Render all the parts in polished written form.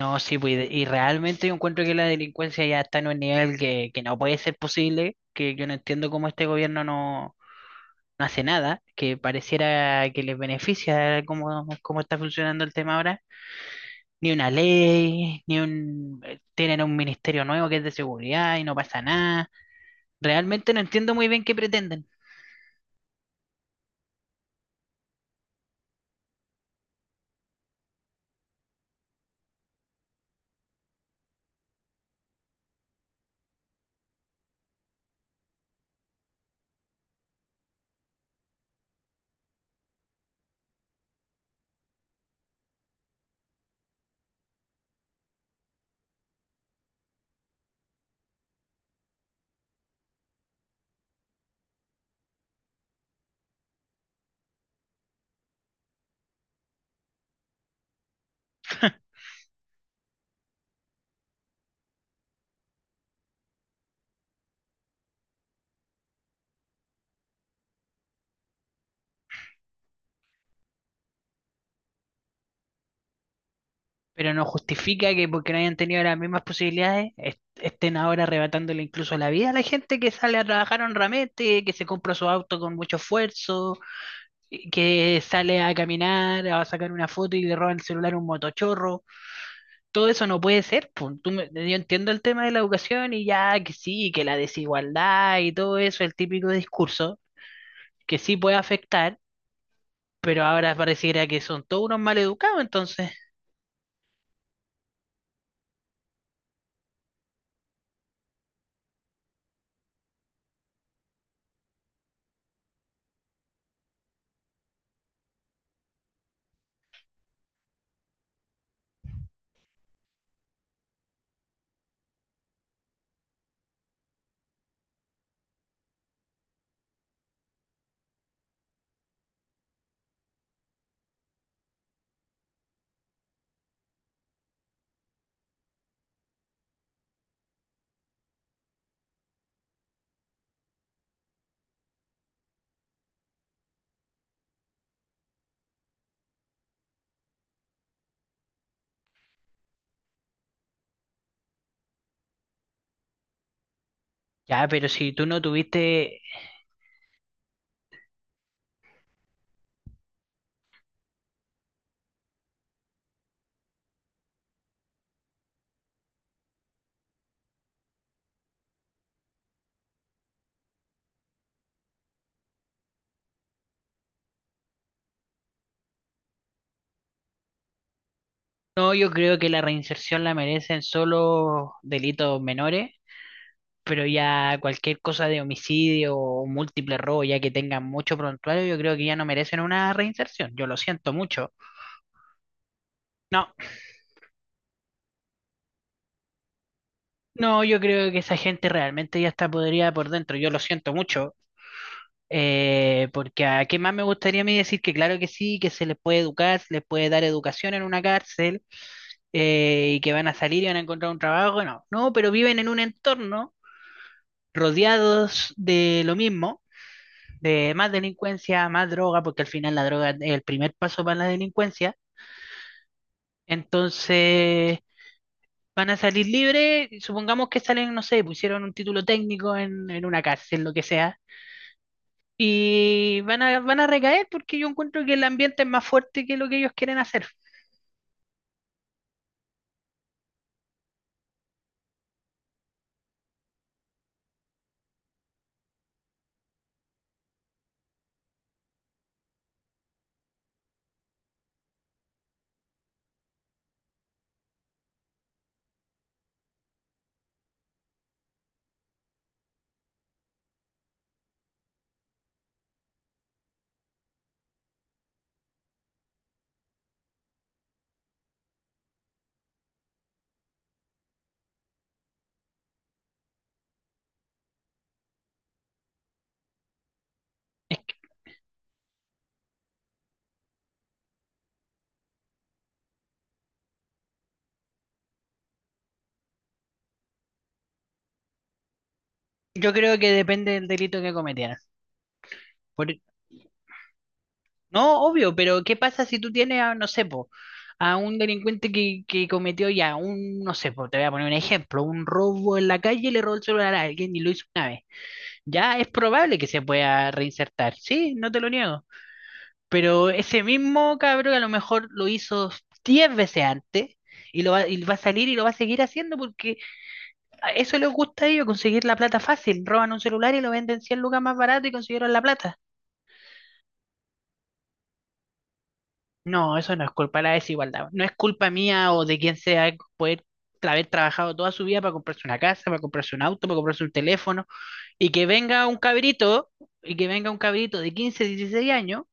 No, sí, pues, y realmente yo encuentro que la delincuencia ya está en un nivel que no puede ser posible, que yo no entiendo cómo este gobierno no hace nada, que pareciera que les beneficia cómo está funcionando el tema ahora. Ni una ley, ni un... Tienen un ministerio nuevo que es de seguridad y no pasa nada. Realmente no entiendo muy bien qué pretenden. Pero no justifica que porque no hayan tenido las mismas posibilidades estén ahora arrebatándole incluso la vida a la gente que sale a trabajar honramente, que se compra su auto con mucho esfuerzo, y que sale a caminar, a sacar una foto y le roban el celular a un motochorro. Todo eso no puede ser, po. Tú me- yo entiendo el tema de la educación y ya que sí, que la desigualdad y todo eso, el típico discurso que sí puede afectar, pero ahora pareciera que son todos unos mal educados entonces. Ya, pero si tú no tuviste. No, yo creo que la reinserción la merecen solo delitos menores, pero ya cualquier cosa de homicidio o múltiple robo, ya que tengan mucho prontuario, yo creo que ya no merecen una reinserción. Yo lo siento mucho. No, no, yo creo que esa gente realmente ya está podrida por dentro. Yo lo siento mucho. Porque a qué más me gustaría a mí decir que claro que sí, que se les puede educar, se les puede dar educación en una cárcel y que van a salir y van a encontrar un trabajo. No, no, pero viven en un entorno rodeados de lo mismo, de más delincuencia, más droga, porque al final la droga es el primer paso para la delincuencia. Entonces van a salir libres, supongamos que salen, no sé, pusieron un título técnico en una cárcel, lo que sea, y van a recaer porque yo encuentro que el ambiente es más fuerte que lo que ellos quieren hacer. Es que yo creo que depende del delito que cometieran. Por- No, obvio, pero ¿qué pasa si tú tienes a, no sé, po, a un delincuente que cometió ya un, no sé, po, te voy a poner un ejemplo, un robo en la calle y le robó el celular a alguien y lo hizo una vez? Ya es probable que se pueda reinsertar, sí, no te lo niego. Pero ese mismo cabrón a lo mejor lo hizo 10 veces antes y, lo va, y va a salir y lo va a seguir haciendo porque a eso les gusta a ellos, conseguir la plata fácil. Roban un celular y lo venden 100 lucas más barato y consiguieron la plata. No, eso no es culpa de la desigualdad. No es culpa mía o de quien sea poder haber trabajado toda su vida para comprarse una casa, para comprarse un auto, para comprarse un teléfono, y que venga un cabrito, y que venga un cabrito de 15 16 años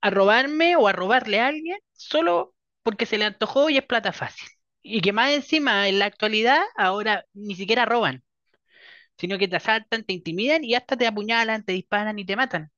a robarme o a robarle a alguien solo porque se le antojó y es plata fácil. Y que más encima, en la actualidad, ahora ni siquiera roban, sino que te asaltan, te intimidan y hasta te apuñalan, te disparan y te matan.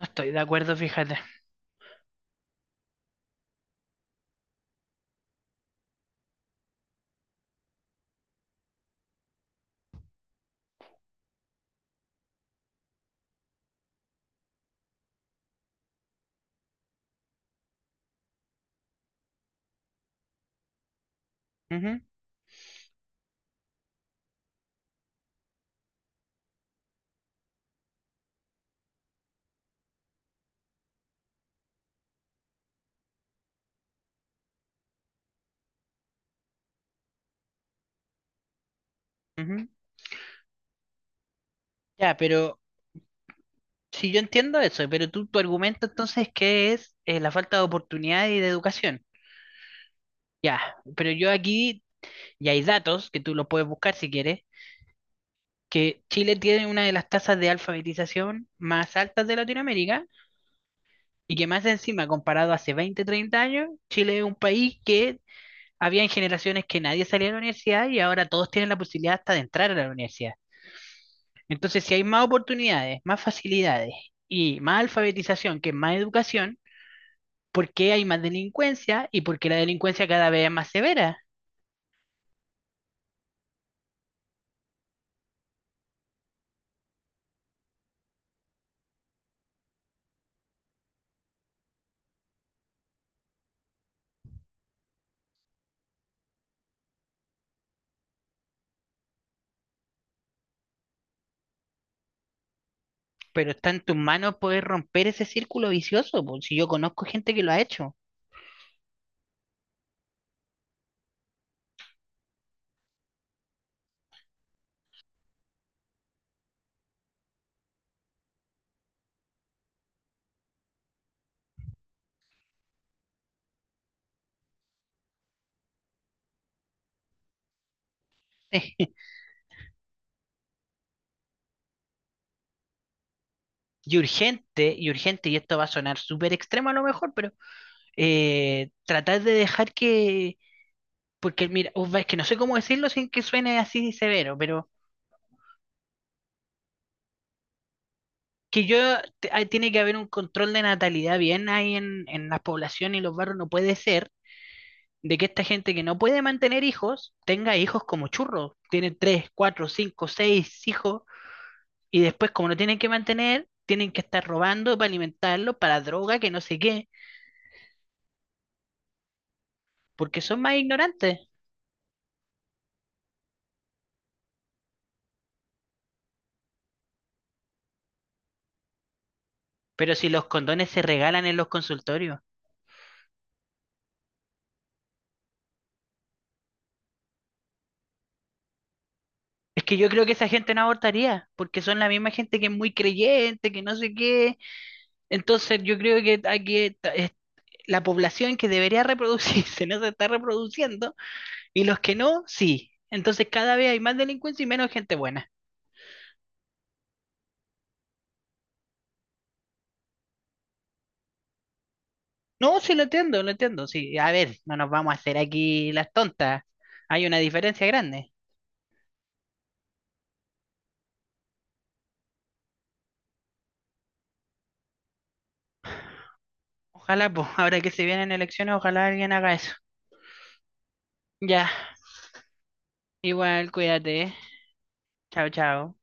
No estoy de acuerdo, fíjate. Ujú, ujú. Ya, pero si yo entiendo eso, pero tú, tu argumento entonces que es la falta de oportunidad y de educación. Ya, pero yo aquí, y hay datos que tú los puedes buscar si quieres, que Chile tiene una de las tasas de alfabetización más altas de Latinoamérica. Y que más encima, comparado a hace 20 30 años, Chile es un país que había en generaciones que nadie salía de la universidad y ahora todos tienen la posibilidad hasta de entrar a la universidad. Entonces, si hay más oportunidades, más facilidades y más alfabetización, que es más educación, ¿por qué hay más delincuencia y por qué la delincuencia cada vez es más severa? Pero está en tus manos poder romper ese círculo vicioso, po, si yo conozco gente que lo ha hecho. Y urgente, y urgente, y esto va a sonar súper extremo a lo mejor, pero tratar de dejar que, porque mira, uf, es que no sé cómo decirlo sin que suene así severo, pero que yo, tiene que haber un control de natalidad bien ahí en las poblaciones y los barrios, no puede ser de que esta gente que no puede mantener hijos tenga hijos como churros, tienen tres, cuatro, cinco, seis hijos y después como no tienen que mantener, tienen que estar robando para alimentarlos, para droga, que no sé qué, porque son más ignorantes. Pero si los condones se regalan en los consultorios. Es que yo creo que esa gente no abortaría, porque son la misma gente que es muy creyente, que no sé qué. Entonces yo creo que aquí la población que debería reproducirse no se está reproduciendo y los que no, sí. Entonces cada vez hay más delincuencia y menos gente buena. No, sí lo entiendo, lo entiendo. Sí, a ver, no nos vamos a hacer aquí las tontas. Hay una diferencia grande. Ojalá, pues, ahora que se vienen elecciones, ojalá alguien haga eso. Ya, igual, cuídate. ¿Eh? Chao, chao.